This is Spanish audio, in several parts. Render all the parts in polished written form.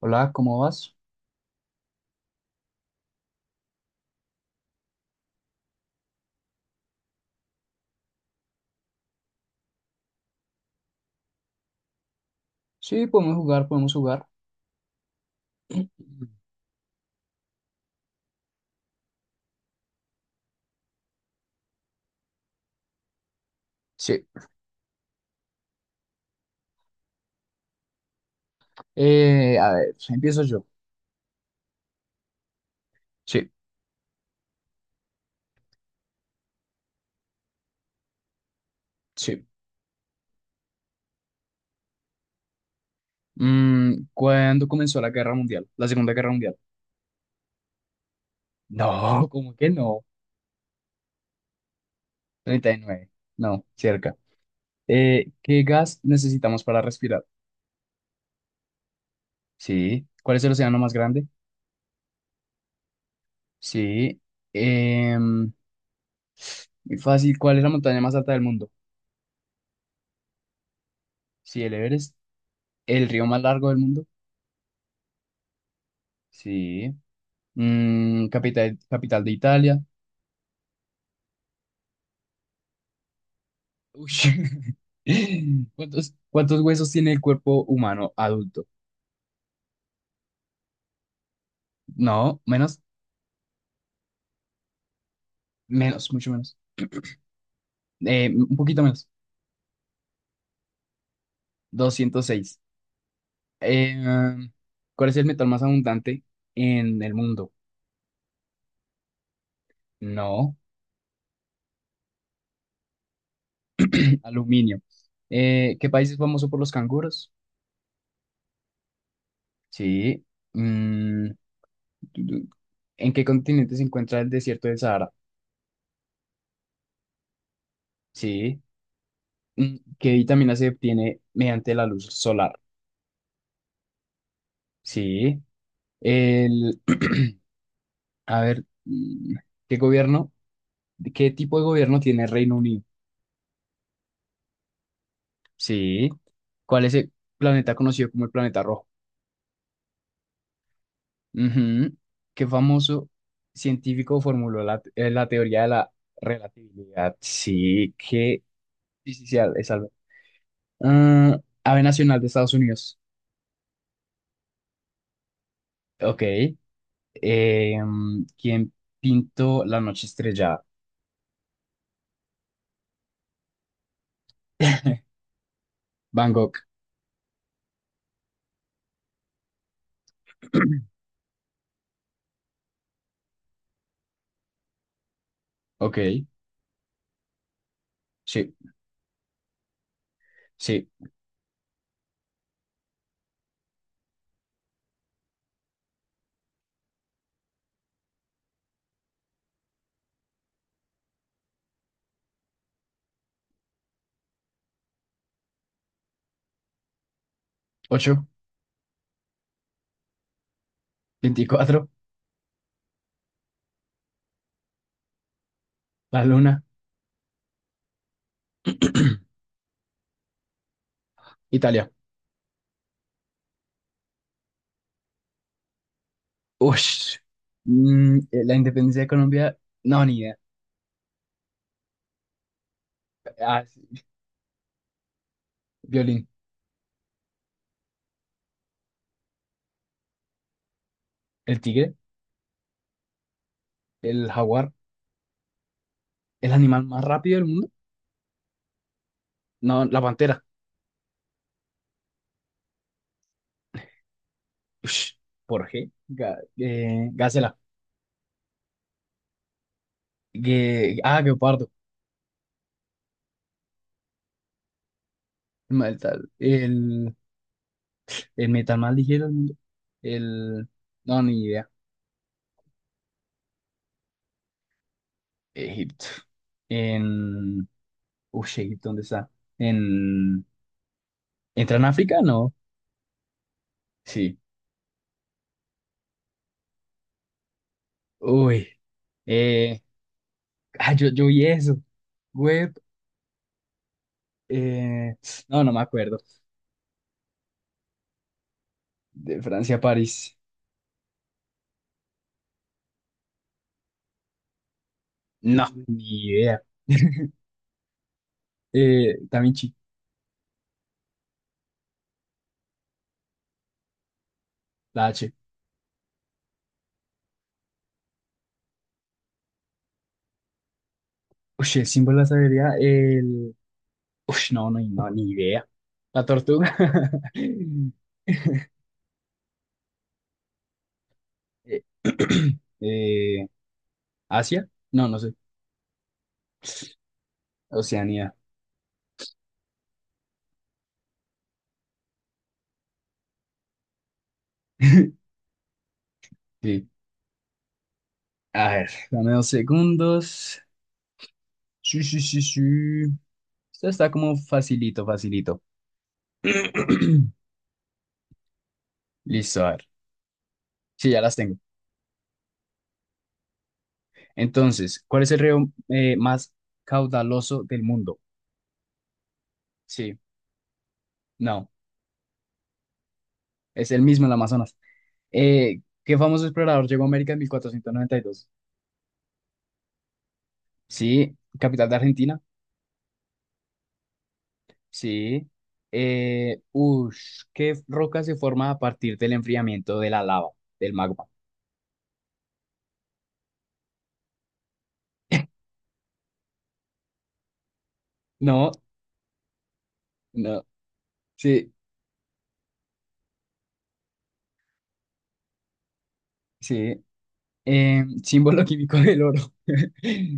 Hola, ¿cómo vas? Sí, podemos jugar, podemos jugar. Sí. A ver, empiezo yo. Sí, sí. ¿Cuándo comenzó la Guerra Mundial? La Segunda Guerra Mundial. No, ¿cómo que no? Treinta y nueve. No, cerca. ¿Qué gas necesitamos para respirar? Sí. ¿Cuál es el océano más grande? Sí. Em, muy fácil. ¿Cuál es la montaña más alta del mundo? Sí, el Everest. ¿El río más largo del mundo? Sí. Capital de Italia. Uy. ¿ cuántos huesos tiene el cuerpo humano adulto? No, menos, menos, mucho menos. Un poquito menos, 206. Eh, ¿Cuál es el metal más abundante en el mundo? No, aluminio. ¿Qué país es famoso por los canguros? Sí. Mm, du- du- ¿En qué continente se encuentra el desierto del Sahara? Sí. ¿Qué vitamina se obtiene mediante la luz solar? Sí. A ver, ¿qué gobierno, ¿qué tipo de gobierno tiene Reino Unido? Sí. ¿Cuál es el planeta conocido como el planeta rojo? Ujú. ¿Qué famoso científico formuló la teoría de la relatividad? Sí, qué difícil es algo. Ah, ave nacional de Estados Unidos. Ok. ¿Quién pintó la noche estrellada? Van Gogh. Ok, sí, sí. 8, 24, la luna. Italia. Ush. La independencia de Colombia, no, ni idea. Ah, sí. Violín. El tigre, el jaguar, el animal más rápido del mundo. No, la pantera. Ush. ¿Por qué? Gacela. Ah, guepardo. El, ma- el, tal- el metal más ligero del mundo. El. No, ni idea. Egipto. En. Uy, Egipto, ¿dónde está? En. ¿Entra en África? No. Sí. Uy. Eh, Ah, yo vi eso. Web. eh, no, no me acuerdo. De Francia a París. No, ni idea. Da Vinci, la H. Uy, el símbolo de la sabiduría. El. Uy, no, no, no, ni idea. La tortuga. Eh, eh, ¿Asia? No, no sé. Oceanía. Sí. A ver, dame dos segundos. Sí, sí, sí, sí. Esto está como facilito, facilito. Listo, a ver. Sí, ya las tengo. Entonces, ¿cuál es el río más caudaloso del mundo? Sí, no, es el mismo, el Amazonas. ¿Qué famoso explorador llegó a América en 1492? Sí, capital de Argentina. Sí. ¿Qué roca se forma a partir del enfriamiento de la lava, del magma? No, no, sí, sí. Símbolo químico del oro.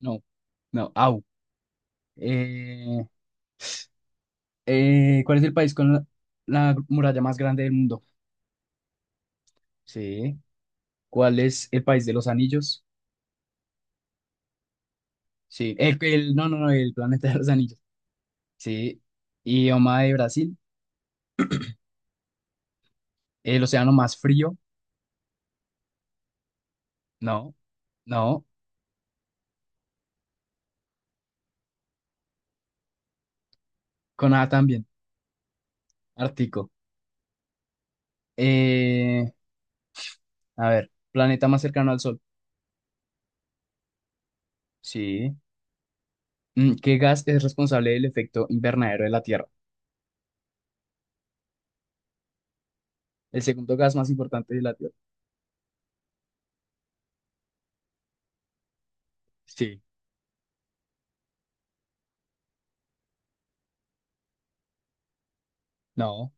No, no, au. Eh, ¿Cuál es el país con la muralla más grande del mundo? Sí. ¿Cuál es el país de los anillos? Sí. No, no, no, el planeta de los anillos. Sí. Idioma de Brasil. El océano más frío. No. No. Con A también. Ártico. Eh, a ver. Planeta más cercano al Sol. Sí. ¿Qué gas es responsable del efecto invernadero de la Tierra? El segundo gas más importante de la Tierra. Sí. No.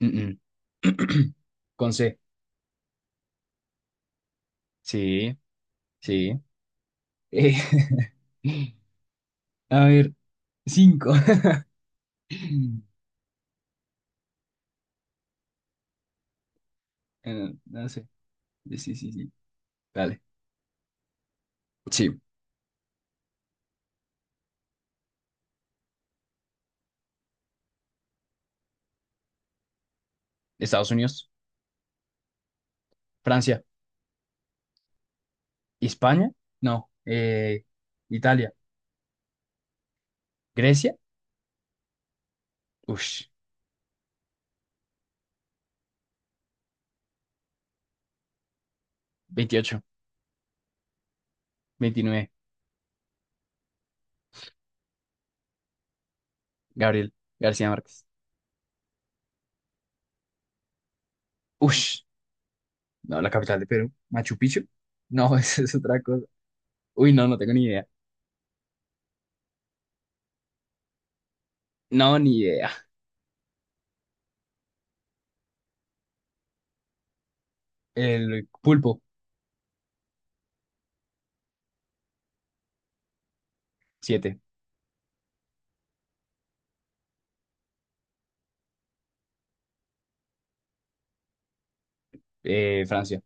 Mm, mm. Con C. Sí. Sí. Eh, a ver. Cinco. No sé. Sí, sí, sí. sí. Dale. Sí, Estados Unidos, Francia, España, no, Italia, Grecia, ush, 28 29 Gabriel García Márquez. Ush, no, la capital de Perú, Machu Picchu. No, esa es otra cosa. Uy, no, no tengo ni idea. No, ni idea. El pulpo, 7 Francia,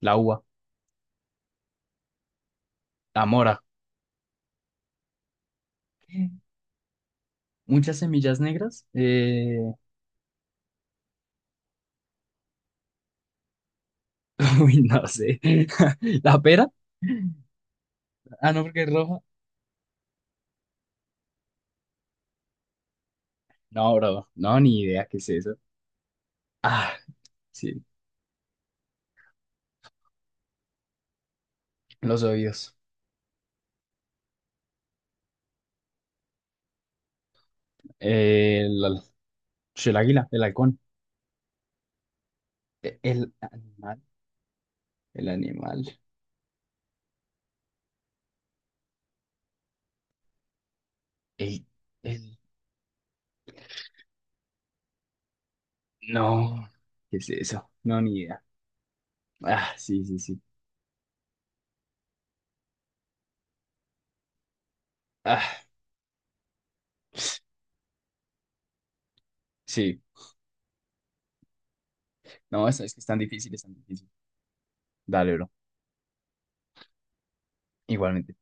la uva, la mora. ¿Qué? Muchas semillas negras. Uy, no sé. La pera. Ah, no, porque es roja. No, bro, no, ni idea qué es eso. Ah, sí, los oídos. El, sí, el águila, el halcón. El animal, el animal. El, el, no, ¿qué es eso? No, ni idea. Ah, sí, sí, sí. Ah, sí. No, es que es tan difícil, es tan difícil. Dale, bro. Igualmente.